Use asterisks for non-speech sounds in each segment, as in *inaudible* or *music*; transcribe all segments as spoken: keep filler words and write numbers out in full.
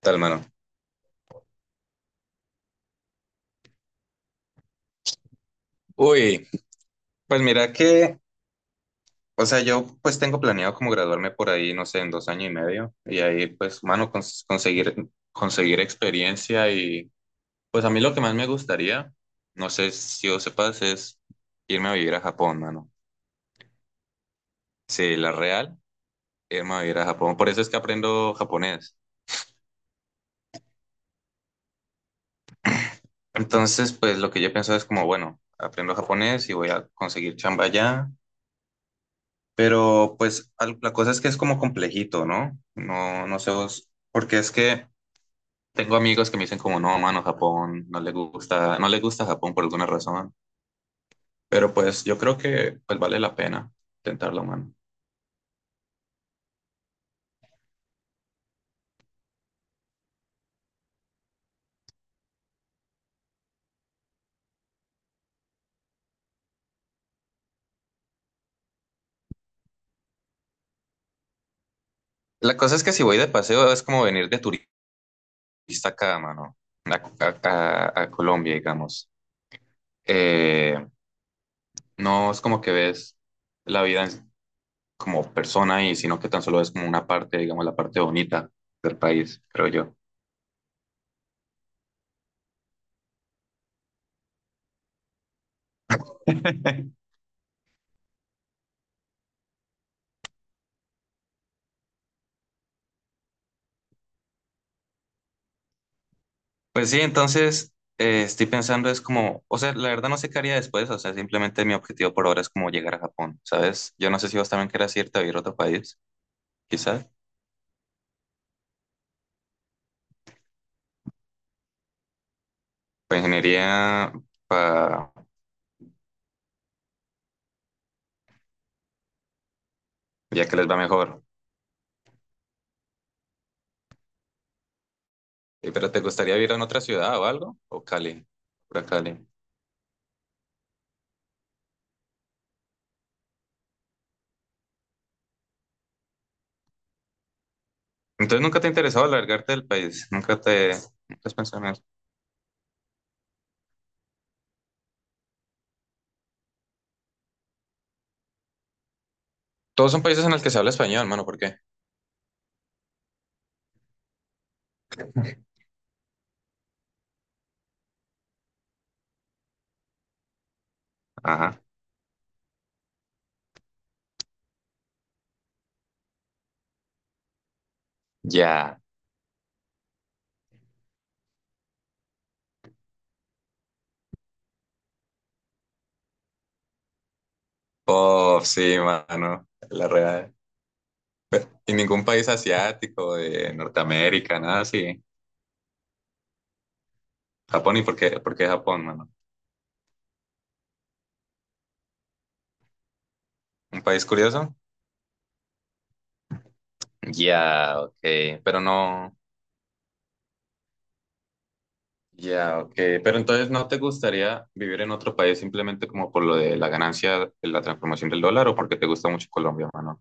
Tal, mano? Uy, pues mira que, o sea, yo pues tengo planeado como graduarme por ahí, no sé, en dos años y medio, y ahí pues, mano, cons- conseguir, conseguir experiencia. Y pues a mí lo que más me gustaría, no sé si vos sepas, es irme a vivir a Japón, mano. Sí, la real, irme a vivir a Japón, por eso es que aprendo japonés. Entonces, pues lo que yo pienso es como, bueno, aprendo japonés y voy a conseguir chamba allá. Pero pues al- la cosa es que es como complejito, ¿no? No, no sé vos, porque es que tengo amigos que me dicen como, no, mano, Japón, no le gusta, no le gusta Japón por alguna razón, pero pues yo creo que pues vale la pena intentarlo, mano. La cosa es que si voy de paseo es como venir de turista acá, mano, a, a- a- a Colombia, digamos. Eh, no es como que ves la vida en- como persona, y sino que tan solo es como una parte, digamos, la parte bonita del país, creo yo. *laughs* Pues sí, entonces eh, estoy pensando es como, o sea, la verdad no sé qué haría después. O sea, simplemente mi objetivo por ahora es como llegar a Japón, ¿sabes? Yo no sé si vos también querés irte a vivir a otro país, quizás, para ingeniería, para ya que les va mejor. Eh, Pero ¿te gustaría vivir en otra ciudad o algo? ¿O Cali? Pura Cali. Entonces nunca te ha interesado alargarte del país, nunca te, nunca has pensado en eso. Todos son países en los que se habla español, mano, ¿por qué? Ajá. Ya. Oh, sí, mano. La real. ¿Y ningún país asiático, de Norteamérica, nada así? Japón, ¿y por qué, por qué Japón, mano? ¿Un país curioso? Ya, ok. Ok, pero no. Ya, ok. Ok, pero entonces, ¿no te gustaría vivir en otro país simplemente como por lo de la ganancia de la transformación del dólar, o porque te gusta mucho Colombia, mano?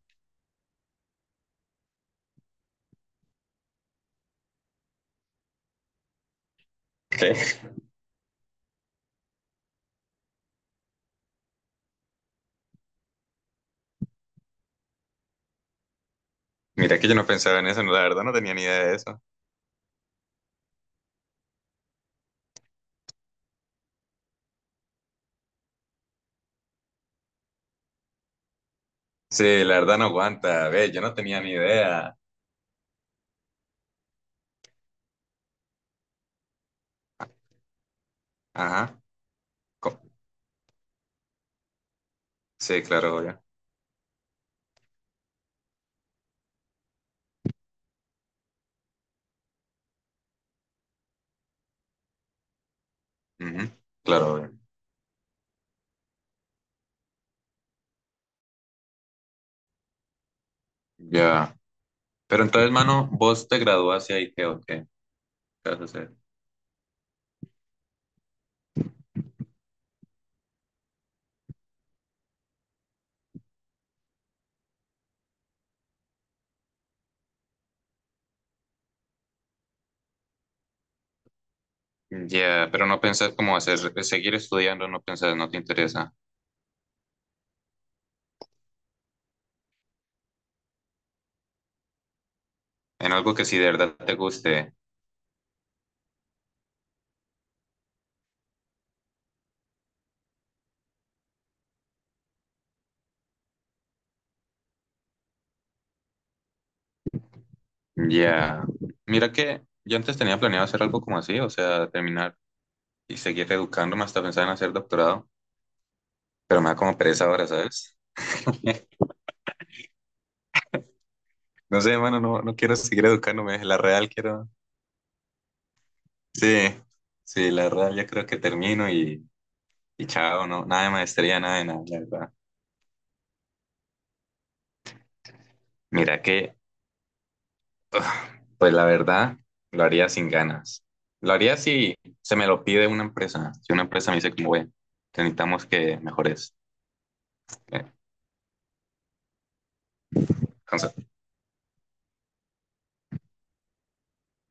¿Qué? *laughs* Mira que yo no pensaba en eso, no, la verdad no tenía ni idea de eso. Sí, la verdad no aguanta. Ve, yo no tenía ni idea. Ajá. Co- Sí, claro, obvio. Ujú. Claro, obvio. Ya. Pero entonces, mano, vos te graduaste ahí, ¿qué, o qué? ¿Qué vas a hacer? Ya, pero ¿no pensás cómo hacer, seguir estudiando? No pensás, no te interesa. En algo que sí de verdad te guste. Ya. Mira que yo antes tenía planeado hacer algo como así, o sea, terminar y seguir educándome hasta pensar en hacer doctorado, pero me da como pereza ahora, ¿sabes? *laughs* No sé, mano, no, no quiero seguir educándome, la real quiero. Sí, sí, la real ya creo que termino y, y chao. No, nada de maestría, nada de nada, la verdad. Mira que, pues la verdad, lo haría sin ganas. Lo haría si se me lo pide una empresa. Si una empresa me dice como, ve, te necesitamos que mejores. eh, Entonces,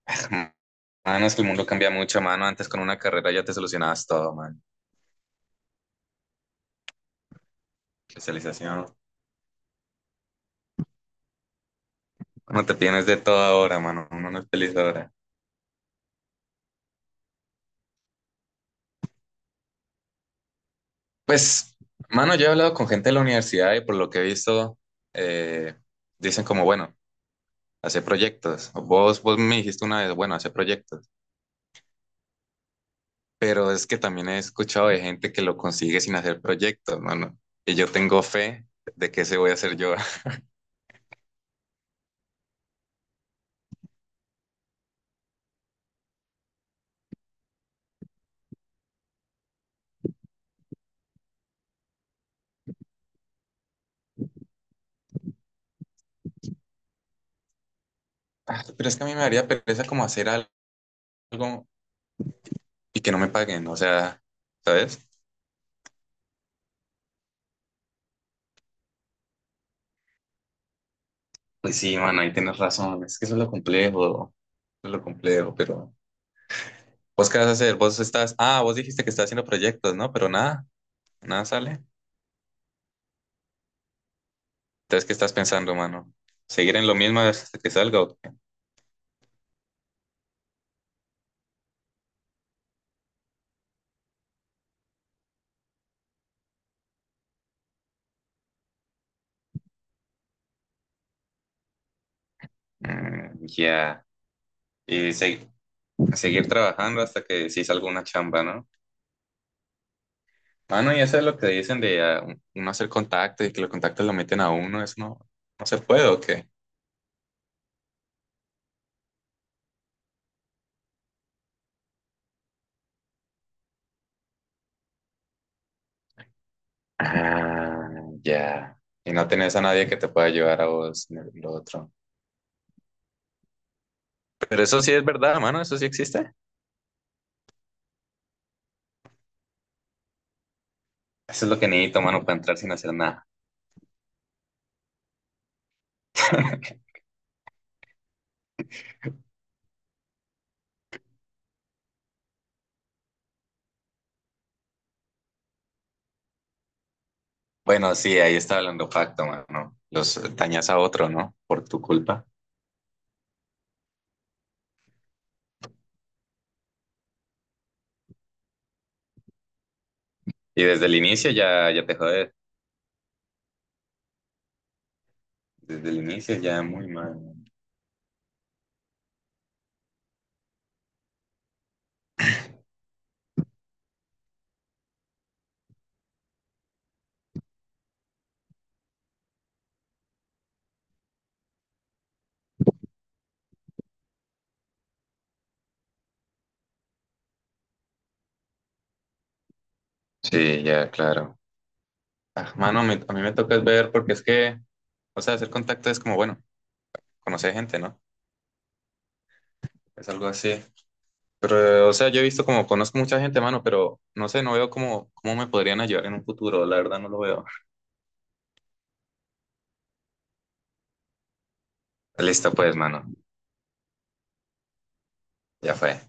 *laughs* mano, es que el mundo cambia mucho, mano. Antes con una carrera ya te solucionabas todo, man. Especialización. No te tienes de todo ahora, mano. Uno no es feliz ahora. Pues, mano, yo he hablado con gente de la universidad y por lo que he visto, eh, dicen como, bueno, hacer proyectos. Vos, vos me dijiste una vez, bueno, hacer proyectos. Pero es que también he escuchado de gente que lo consigue sin hacer proyectos, mano. Y yo tengo fe de que ese voy a hacer yo. *laughs* Ah, pero es que a mí me daría pereza como hacer algo y que no me paguen, o sea, ¿sabes? Pues sí, mano, ahí tienes razón. Es que eso es lo complejo, eso es lo complejo, pero ¿vos qué vas a hacer? Vos estás, ah, vos dijiste que estás haciendo proyectos, ¿no? Pero nada, nada sale. Entonces, ¿qué estás pensando, mano? ¿Seguir en lo mismo hasta que salga o qué? Mm, ya. Y se- seguir trabajando hasta que sí salga una chamba, ¿no? Mano, y eso es lo que dicen de ah, uno hacer contacto y que los contactos lo meten a uno, eso no, no se puede, ¿o qué? Ah, ya. ¿Y no tenés a nadie que te pueda ayudar a vos en el- lo otro? Pero eso sí es verdad, mano, eso sí existe. Eso es lo que necesito, mano, para entrar sin hacer nada. *laughs* Bueno, sí, ahí está hablando pacto, mano. Los dañas a otro, ¿no? Por tu culpa. Y desde el inicio ya, ya te jodes. Desde el inicio ya muy mal. Sí, ya, claro. Ah, mano, me- a mí me toca es ver, porque es que, o sea, hacer contacto es como, bueno, conocer gente, ¿no? Es algo así. Pero, o sea, yo he visto como, conozco mucha gente, mano, pero no sé, no veo cómo, cómo me podrían ayudar en un futuro, la verdad no lo veo. Listo, pues, mano, ya fue.